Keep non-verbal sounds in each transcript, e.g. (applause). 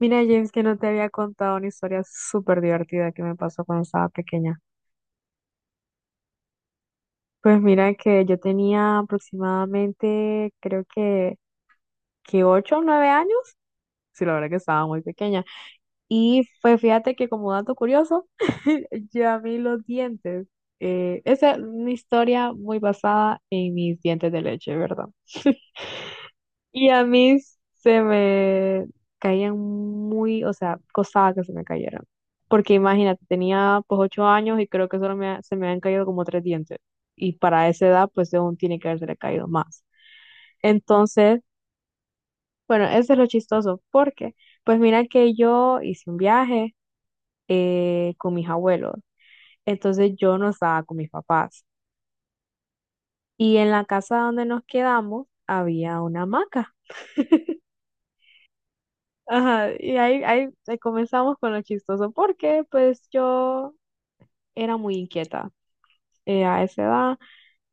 Mira, James, que no te había contado una historia súper divertida que me pasó cuando estaba pequeña. Pues mira que yo tenía aproximadamente, creo que 8 o 9 años. Sí, la verdad que estaba muy pequeña. Y pues fíjate que como dato curioso, (laughs) yo a mí los dientes, esa es una historia muy basada en mis dientes de leche, ¿verdad? Y a mí se me caían muy, o sea, costaba que se me cayeran. Porque imagínate, tenía pues 8 años y creo que solo me, se me han caído como tres dientes. Y para esa edad, pues aún tiene que haberse caído más. Entonces, bueno, eso es lo chistoso. Porque, pues mira que yo hice un viaje con mis abuelos. Entonces yo no estaba con mis papás. Y en la casa donde nos quedamos había una hamaca. Ajá, y ahí comenzamos con lo chistoso, porque pues yo era muy inquieta a esa edad,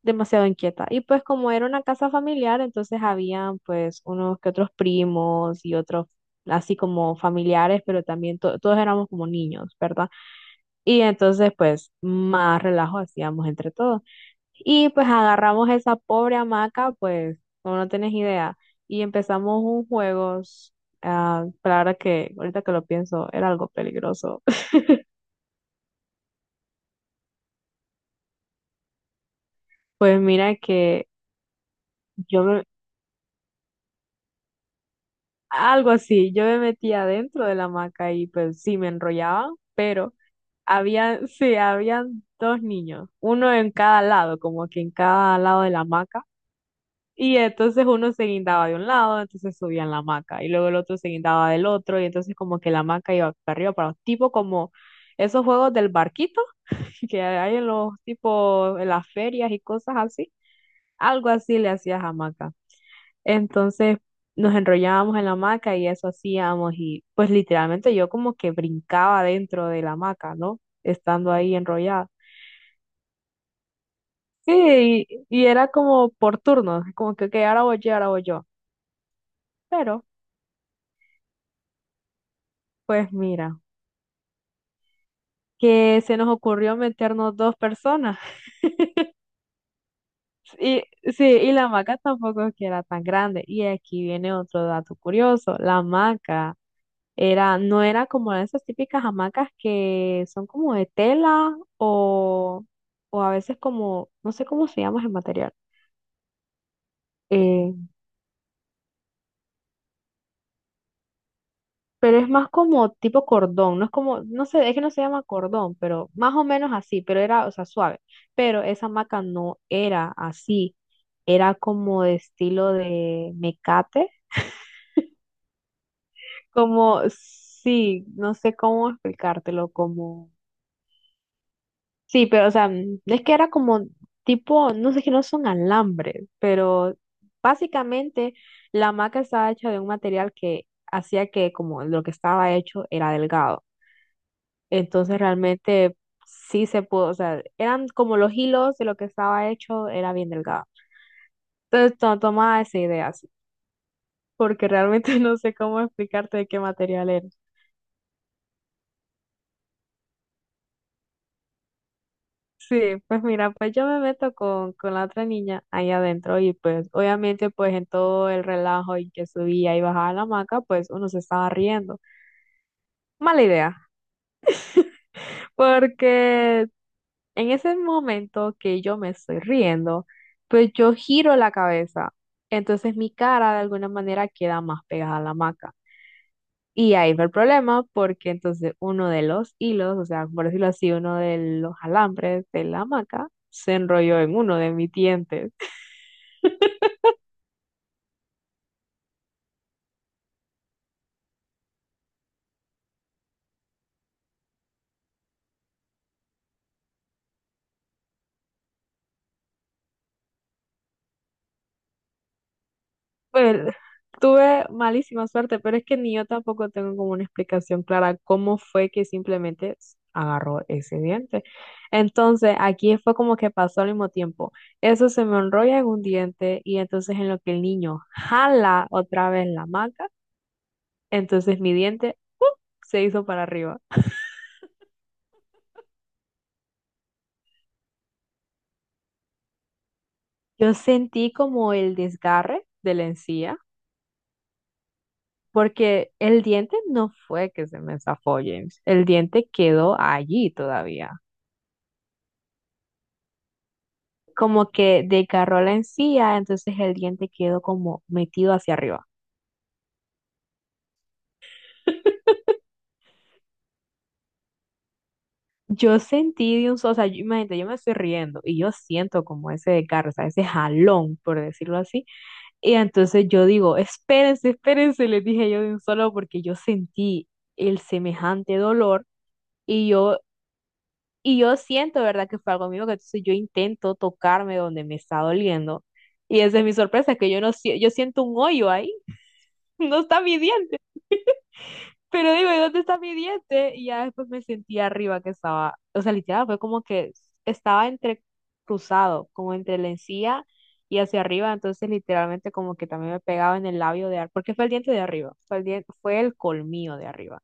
demasiado inquieta. Y pues como era una casa familiar, entonces habían pues unos que otros primos y otros así como familiares, pero también todos éramos como niños, ¿verdad? Y entonces pues más relajo hacíamos entre todos. Y pues agarramos esa pobre hamaca, pues, como no tienes idea, y empezamos un juego, ah, pero ahorita que lo pienso, era algo peligroso. (laughs) Pues mira que yo me- algo así, yo me metía dentro de la hamaca y pues sí me enrollaba, pero sí, habían dos niños, uno en cada lado, como que en cada lado de la hamaca. Y entonces uno se guindaba de un lado, entonces subían la hamaca, y luego el otro se guindaba del otro, y entonces como que la hamaca iba para arriba, para tipo como esos juegos del barquito (laughs) que hay en las ferias y cosas así, algo así le hacías hamaca. Entonces nos enrollábamos en la hamaca y eso hacíamos, y pues literalmente yo como que brincaba dentro de la hamaca, ¿no? Estando ahí enrollada. Sí, y era como por turnos, como que, ok, ahora voy yo, ahora voy yo. Pero, pues mira, que se nos ocurrió meternos dos personas. Y sí, y la hamaca tampoco es que era tan grande. Y aquí viene otro dato curioso. La hamaca era, no era como esas típicas hamacas que son como de tela o a veces como, no sé cómo se llama ese material. Eh, pero es más como tipo cordón, no es como, no sé, es que no se llama cordón, pero más o menos así, pero era, o sea, suave. Pero esa maca no era así, era como de estilo de mecate, como, sí, no sé cómo explicártelo, como, sí, pero, o sea, es que era como tipo, no sé, que no son alambres, pero básicamente la maca estaba hecha de un material que hacía que como lo que estaba hecho era delgado. Entonces realmente sí se pudo, o sea, eran como los hilos de lo que estaba hecho, era bien delgado. Entonces tomaba esa idea así, porque realmente (laughs) no sé cómo explicarte de qué material era. Sí, pues mira, pues yo me meto con la otra niña ahí adentro y pues obviamente pues en todo el relajo y que subía y bajaba la hamaca, pues uno se estaba riendo. Mala idea, (laughs) porque en ese momento que yo me estoy riendo, pues yo giro la cabeza. Entonces mi cara de alguna manera queda más pegada a la hamaca. Y ahí fue el problema porque entonces uno de los hilos, o sea, por decirlo así, uno de los alambres de la hamaca se enrolló en uno de mis dientes. Pues tuve malísima suerte, pero es que ni yo tampoco tengo como una explicación clara cómo fue que simplemente agarró ese diente. Entonces, aquí fue como que pasó al mismo tiempo. Eso se me enrolla en un diente y entonces en lo que el niño jala otra vez la maca, entonces mi diente se hizo para arriba. Yo sentí como el desgarre de la encía. Porque el diente no fue que se me zafó, James. El diente quedó allí todavía. Como que desgarró la encía, entonces el diente quedó como metido hacia arriba. Yo sentí de un, o sea, yo, imagínate, yo me estoy riendo y yo siento como ese desgarro, o sea, ese jalón, por decirlo así. Y entonces yo digo, espérense, espérense, les dije yo de un solo porque yo sentí el semejante dolor y yo, y yo siento, ¿verdad? Que fue algo mío, que entonces yo intento tocarme donde me está doliendo. Y esa es mi sorpresa, que yo no, sie- yo siento un hoyo ahí, (laughs) no está mi diente. Pero digo, ¿y dónde está mi diente? Y ya después me sentí arriba que estaba, o sea, literal, fue como que estaba entre cruzado, como entre la encía y hacia arriba, entonces literalmente como que también me pegaba en el labio de arriba, porque fue el diente de arriba, fue el colmillo de arriba.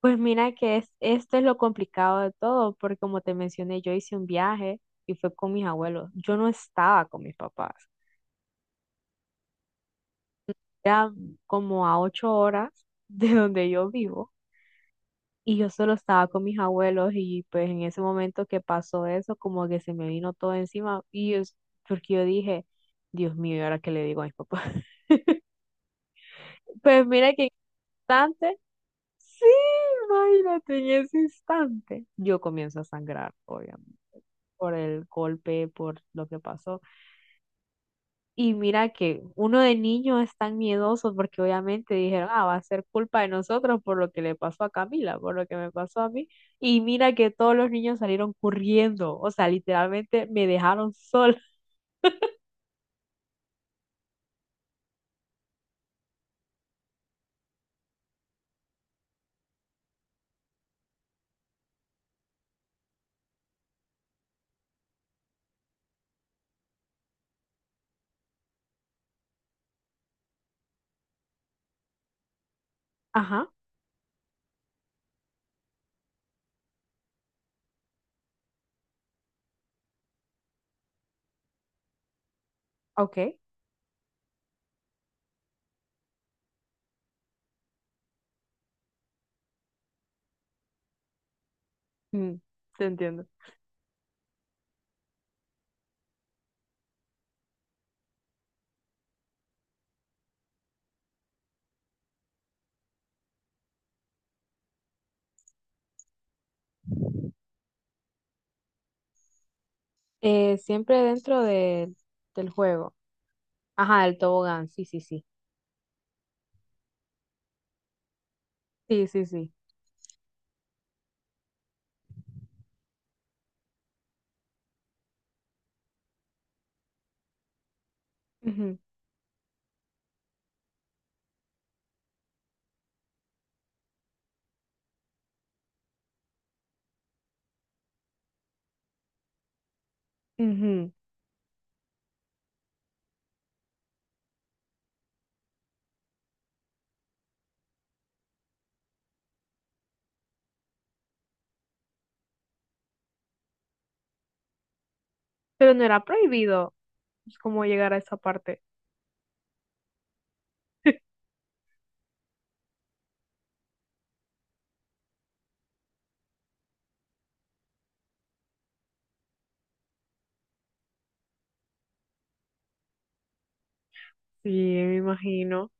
Pues mira que es, esto es lo complicado de todo, porque como te mencioné, yo hice un viaje y fue con mis abuelos. Yo no estaba con mis papás. Era como a 8 horas de donde yo vivo. Y yo solo estaba con mis abuelos y pues en ese momento que pasó eso, como que se me vino todo encima y es porque yo dije, Dios mío, ¿y ahora qué le digo a mis papás? (laughs) Pues mira que en ese instante, sí, imagínate, en ese instante, yo comienzo a sangrar, obviamente, por el golpe, por lo que pasó. Y mira que uno de niño es tan miedoso porque obviamente dijeron, ah, va a ser culpa de nosotros por lo que le pasó a Camila, por lo que me pasó a mí. Y mira que todos los niños salieron corriendo, o sea, literalmente me dejaron (laughs) sola. Ajá, ok, mm, te entiendo. Siempre dentro del juego. Ajá, del tobogán, sí, sí, sí. Sí, sí, sí. Ujú, ujú. Pero no era prohibido pues, como llegar a esa parte. (laughs) Sí, me imagino.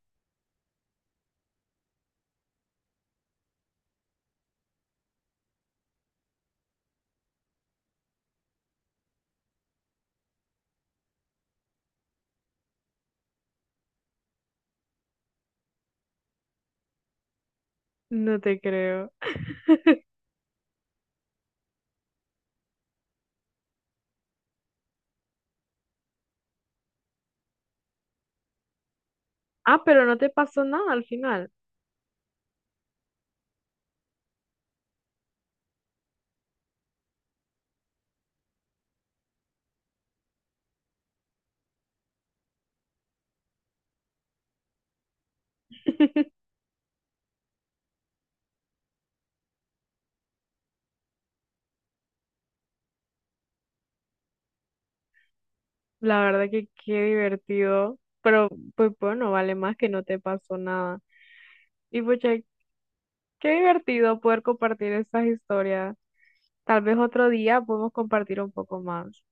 No te creo. Ah, pero no te pasó nada al final. (laughs) La verdad que qué divertido. Pero pues bueno, vale más que no te pasó nada. Y pucha, qué divertido poder compartir estas historias. Tal vez otro día podemos compartir un poco más.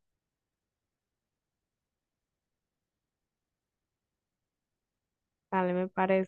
Dale, me parece.